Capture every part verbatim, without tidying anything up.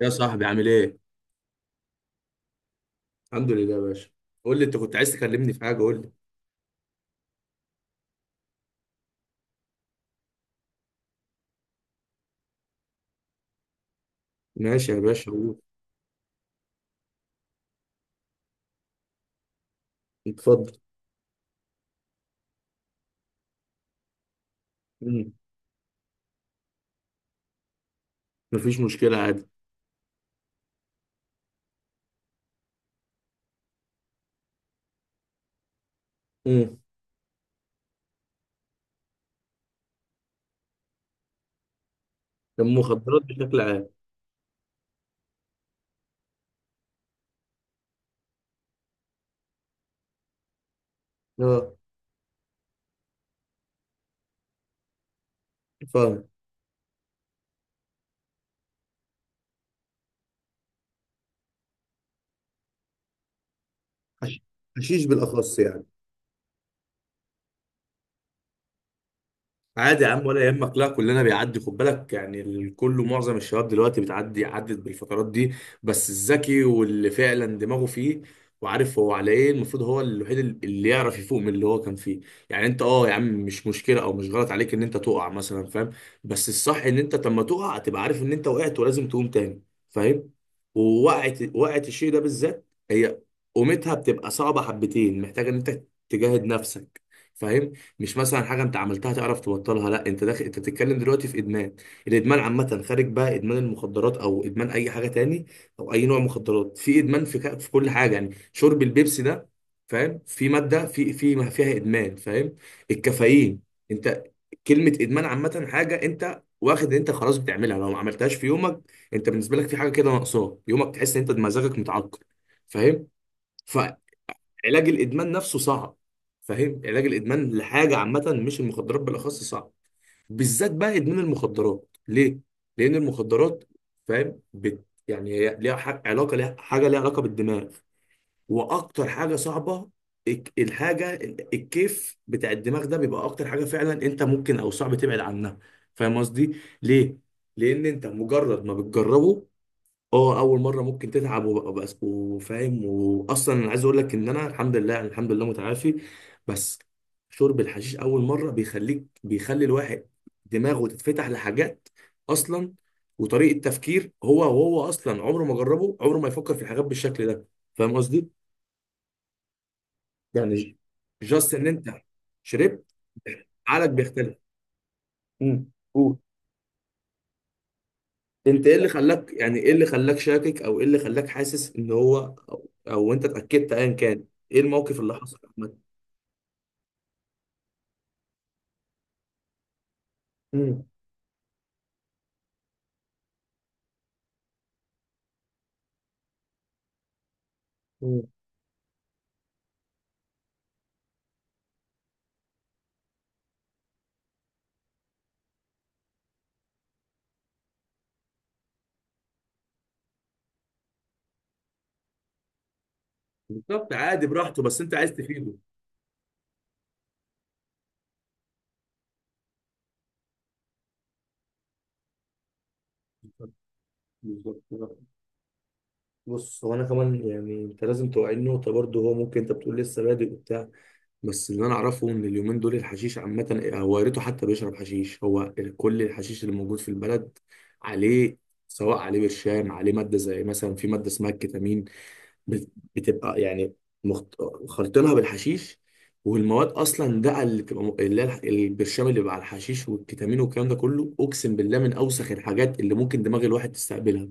يا صاحبي عامل ايه؟ الحمد لله يا باشا. قول لي انت كنت عايز تكلمني في حاجة، قول لي. ماشي يا باشا قول، اتفضل. امم مفيش مشكلة عادي. امم المخدرات بشكل عام. اه فاهم. حش- حشيش بالأخص يعني. عادي يا عم ولا يهمك، لا كلنا بيعدي، خد بالك يعني، الكل معظم الشباب دلوقتي بتعدي، عدت بالفترات دي. بس الذكي واللي فعلا دماغه فيه وعارف هو على ايه، المفروض هو الوحيد اللي يعرف يفوق من اللي هو كان فيه. يعني انت اه يا عم مش مشكله او مش غلط عليك ان انت تقع مثلا، فاهم. بس الصح ان انت لما تقع تبقى عارف ان انت وقعت ولازم تقوم تاني، فاهم. ووقعت وقعت الشيء ده بالذات، هي قومتها بتبقى صعبه حبتين، محتاجه ان انت تجاهد نفسك، فاهم. مش مثلا حاجه انت عملتها تعرف تبطلها، لا انت داخل، انت بتتكلم دلوقتي في ادمان. الادمان عامه، خارج بقى ادمان المخدرات او ادمان اي حاجه تاني او اي نوع مخدرات، في ادمان في ك... في كل حاجه. يعني شرب البيبسي ده، فاهم، في ماده في في ما فيها ادمان، فاهم. الكافيين. انت كلمه ادمان عامه، حاجه انت واخد ان انت خلاص بتعملها، لو ما عملتهاش في يومك، انت بالنسبه لك في حاجه كده ناقصاك يومك، تحس ان انت مزاجك متعكر، فاهم. علاج الادمان نفسه صعب، فاهم. علاج الادمان لحاجه عامه مش المخدرات بالاخص صعب، بالذات بقى ادمان المخدرات. ليه؟ لان المخدرات، فاهم، بت يعني هي ليها ح- علاقه، ليها حاجه ليها علاقه بالدماغ. واكتر حاجه صعبه، الك- الحاجه ال- الكيف بتاع الدماغ ده، بيبقى اكتر حاجه فعلا انت ممكن او صعب تبعد عنها، فاهم قصدي. ليه؟ لان انت مجرد ما بتجربه اه اول مره ممكن تتعب وبقى بس، وفاهم، واصلا انا عايز اقول لك ان انا الحمد لله يعني، الحمد لله متعافي. بس شرب الحشيش اول مره بيخليك، بيخلي الواحد دماغه تتفتح لحاجات اصلا وطريقه تفكير هو، وهو اصلا عمره ما جربه، عمره ما يفكر في الحاجات بالشكل ده، فاهم قصدي. يعني جاست ان انت شربت، عقلك بيختلف. امم قول. انت ايه اللي خلاك، يعني ايه اللي خلاك شاكك، او ايه اللي خلاك حاسس ان هو، او, أو انت اتاكدت ايا كان، ايه الموقف اللي حصل عامه؟ مم. مم. بالظبط، عادي براحته، بس انت عايز تفيده. بالظبط. بالظبط بالظبط. بص هو انا كمان يعني انت لازم توعي النقطه برضه، هو ممكن انت بتقول لسه بادئ وبتاع، بس اللي انا اعرفه ان اليومين دول الحشيش عامه، هو يا ريته حتى بيشرب حشيش، هو كل الحشيش اللي موجود في البلد عليه. سواء عليه برشام، عليه ماده زي مثلا في ماده اسمها الكتامين، بت- بتبقى يعني مخت... خلطينها بالحشيش. والمواد اصلا ده اللي بتبقى م- اللي هي الح- البرشام اللي بيبقى على الحشيش، والكتامين والكلام ده كله، اقسم بالله من اوسخ الحاجات اللي ممكن دماغ الواحد تستقبلها.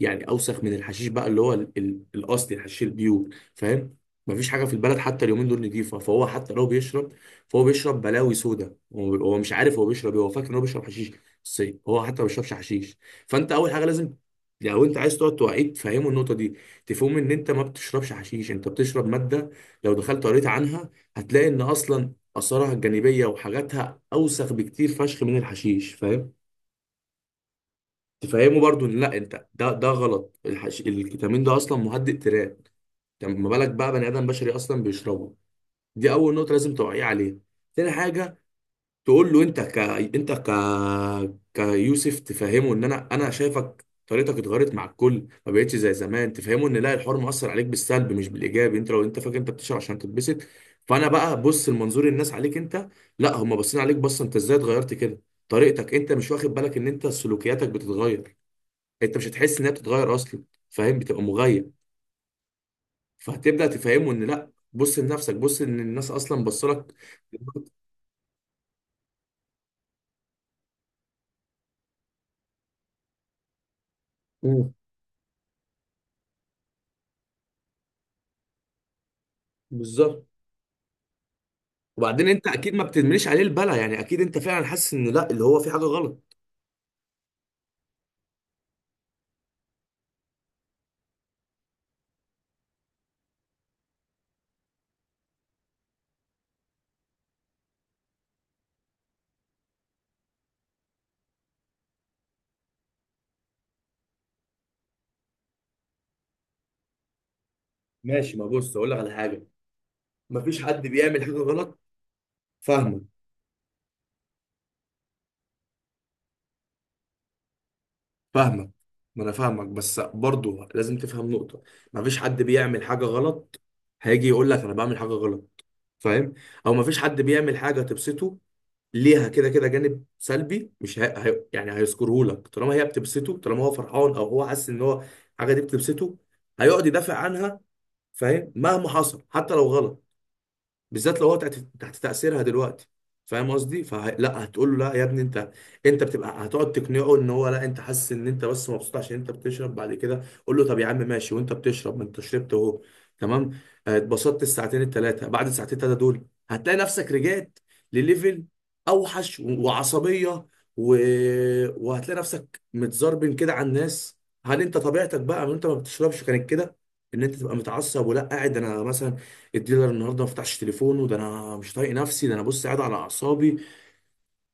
يعني اوسخ من الحشيش بقى، اللي هو ال... ال... الاصلي، الحشيش البيور، فاهم. مفيش حاجه في البلد حتى اليومين دول نضيفه، فهو حتى لو بيشرب فهو بيشرب بلاوي سودا، هو هو مش عارف هو بيشرب ايه، هو فاكر ان هو بيشرب حشيش بس هو حتى ما بيشربش حشيش. فانت اول حاجه لازم، لو انت عايز تقعد توعيه تفهمه النقطه دي، تفهم ان انت ما بتشربش حشيش، انت بتشرب ماده. لو دخلت قريت عنها هتلاقي ان اصلا اثارها الجانبيه وحاجاتها اوسخ بكتير فشخ من الحشيش، فاهم. تفهمه برضو ان لا انت، ده ده غلط، الحش... الكتامين ده اصلا مهدئ تيران، طب ما بالك بقى بني ادم بشري اصلا بيشربه. دي اول نقطه لازم توعيه عليها. تاني حاجه، تقول له انت ك انت ك كيوسف تفهمه ان انا انا شايفك طريقتك اتغيرت مع الكل، ما بقتش زي زمان. تفهمه ان لا، الحوار مؤثر عليك بالسلب مش بالايجاب. انت لو انت فاكر انت بتشرب عشان تتبسط، فانا بقى بص المنظور الناس عليك، انت لا هم باصين عليك بصه انت ازاي اتغيرت كده، طريقتك. انت مش واخد بالك ان انت سلوكياتك بتتغير، انت مش هتحس انها بتتغير اصلا، فاهم. بتبقى مغيب. فهتبدا تفهمه ان لا بص لنفسك، بص ان الناس اصلا بصلك. مم. بالظبط. وبعدين انت اكيد ما بتدمنيش عليه البلا، يعني اكيد انت فعلا حاسس ان لا، اللي هو في حاجه غلط. ماشي، ما بص اقول لك على حاجه، ما فيش حد بيعمل حاجه غلط. فاهمك. فاهمك. ما انا فاهمك بس برضو لازم تفهم نقطه، ما فيش حد بيعمل حاجه غلط، هيجي يقول لك انا بعمل حاجه غلط، فاهم. او ما فيش حد بيعمل حاجه تبسطه ليها كده كده جانب سلبي، مش هي... هي... يعني هيذكره لك. طالما هي بتبسطه، طالما هو فرحان او هو حاسس ان هو الحاجه دي بتبسطه، هيقعد يدافع عنها، فاهم، مهما حصل حتى لو غلط، بالذات لو هو تحت، تحت تأثيرها دلوقتي، فاهم قصدي؟ فلا هتقول له لا يا ابني انت، انت بتبقى هتقعد تقنعه ان هو لا، انت حاسس ان انت بس مبسوط عشان انت بتشرب. بعد كده قول له طب يا عم ماشي وانت بتشرب، ما انت شربت اهو، تمام، آه، اتبسطت الساعتين الثلاثه، بعد الساعتين الثلاثه دول هتلاقي نفسك رجعت لليفل اوحش و- وعصبيه و... وهتلاقي نفسك متزربن كده على الناس. هل انت طبيعتك بقى وانت ما بتشربش كانت كده؟ ان انت تبقى متعصب، ولا قاعد انا مثلا الديلر النهارده ما فتحش تليفونه، ده انا مش طايق نفسي، ده انا بص قاعد على اعصابي.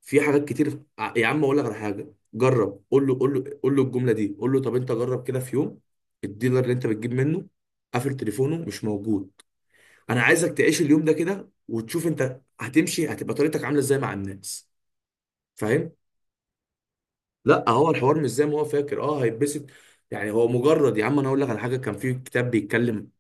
في حاجات كتير، ع- يا عم اقول لك على حاجه، جرب قول له، قول له قول له الجمله دي. قول له طب انت جرب كده في يوم الديلر اللي انت بتجيب منه قافل تليفونه مش موجود، انا عايزك تعيش اليوم ده كده وتشوف انت هتمشي هتبقى طريقتك عامله ازاي مع الناس، فاهم. لا هو الحوار مش زي ما هو فاكر اه هيتبسط. يعني هو مجرد، يا عم انا اقول لك على حاجه كان في كتاب بيتكلم.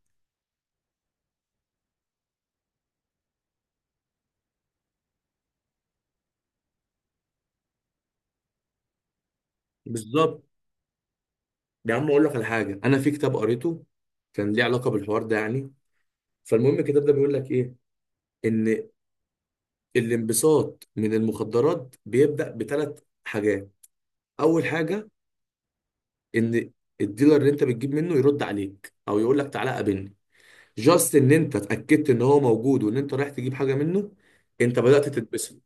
بالظبط، يا عم اقول لك على حاجه، انا في كتاب قريته كان ليه علاقه بالحوار ده يعني. فالمهم الكتاب ده بيقول لك ايه؟ ان الانبساط من المخدرات بيبدأ بثلاث حاجات. اول حاجة، ان الديلر اللي انت بتجيب منه يرد عليك او يقول لك تعالى قابلني، جاست ان انت اتأكدت ان هو موجود وان انت رايح تجيب حاجة منه، انت بدأت تتبسط.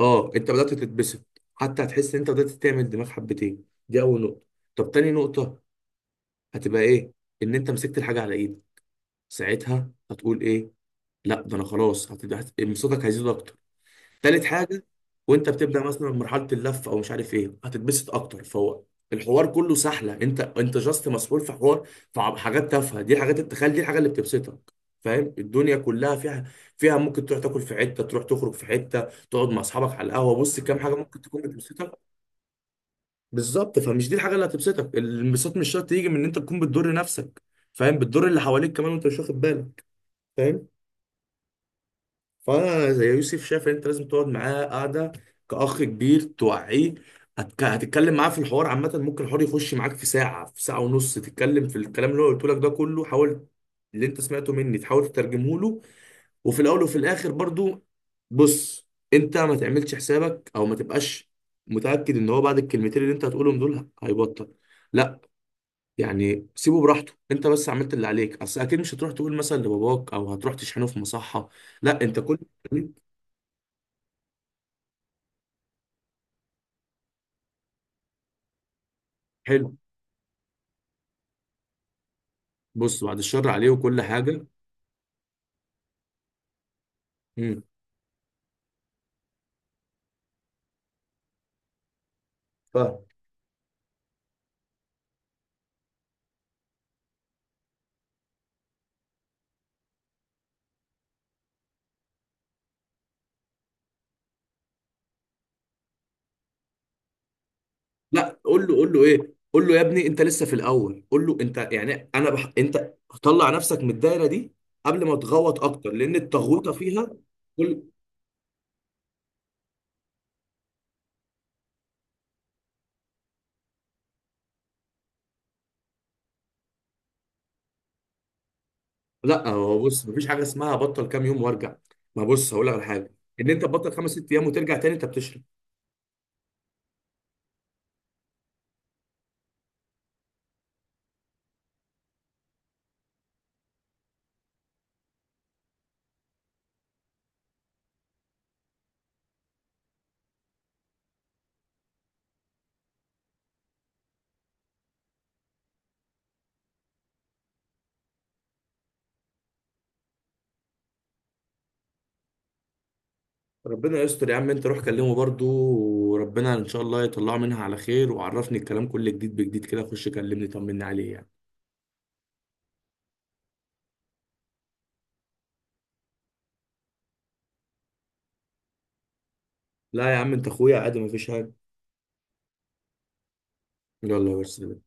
اه انت بدأت تتبسط، حتى هتحس ان انت بدأت تعمل دماغ حبتين، دي اول نقطة. طب تاني نقطة هتبقى ايه؟ ان انت مسكت الحاجة على ايدك، ساعتها هتقول ايه؟ لا ده انا خلاص، هتبقى انبساطك هيزيد اكتر. تالت حاجة، وانت بتبدأ مثلا مرحلة اللف او مش عارف ايه، هتتبسط اكتر. فهو الحوار كله سهلة، انت انت جاست مسؤول في حوار، في ع- حاجات تافهة. دي الحاجات التخيل، دي الحاجة اللي بتبسطك، فاهم. الدنيا كلها فيها، فيها ممكن تروح تاكل في حتة، تروح تخرج في حتة، تقعد مع اصحابك على القهوة، بص كام حاجة ممكن تكون بتبسطك. بالظبط، فمش دي الحاجة اللي هتبسطك، الانبساط مش شرط يجي من ان انت تكون بتضر نفسك، فاهم، بتضر اللي حواليك كمان وانت مش واخد بالك، فاهم. فانا زي يوسف شايف إن انت لازم تقعد معاه قاعده كاخ كبير توعيه. هتك- هتتكلم معاه في الحوار عامه، ممكن الحوار يخش معاك في ساعه، في ساعه ونص، تتكلم في الكلام اللي هو قلت لك ده كله، حاول اللي انت سمعته مني تحاول تترجمه له. وفي الاول وفي الاخر برضو بص، انت ما تعملش حسابك او ما تبقاش متاكد ان هو بعد الكلمتين اللي انت هتقولهم دول هيبطل، لا. يعني سيبه براحته، انت بس عملت اللي عليك، اصل اكيد مش هتروح تقول مثلا لباباك او هتروح تشحنه في مصحه، لا انت كل. حلو، بص بعد الشر عليه وكل حاجه. امم فاهم. لا قول له، قول له ايه، قول له يا ابني انت لسه في الاول، قول له انت يعني انا بح... انت طلع نفسك من الدايره دي قبل ما تغوط اكتر، لان التغويطه فيها. كل، لا هو بص مفيش حاجه اسمها بطل كام يوم وارجع، ما بص هقول لك على حاجه ان انت تبطل خمس ست ايام وترجع تاني انت بتشرب. ربنا يستر يا عم، انت روح كلمه برضو، وربنا ان شاء الله يطلعه منها على خير، وعرفني الكلام كله جديد بجديد كده، خش كلمني طمني عليه يعني. لا يا عم انت اخويا عادي مفيش حاجه. يلا يا بس.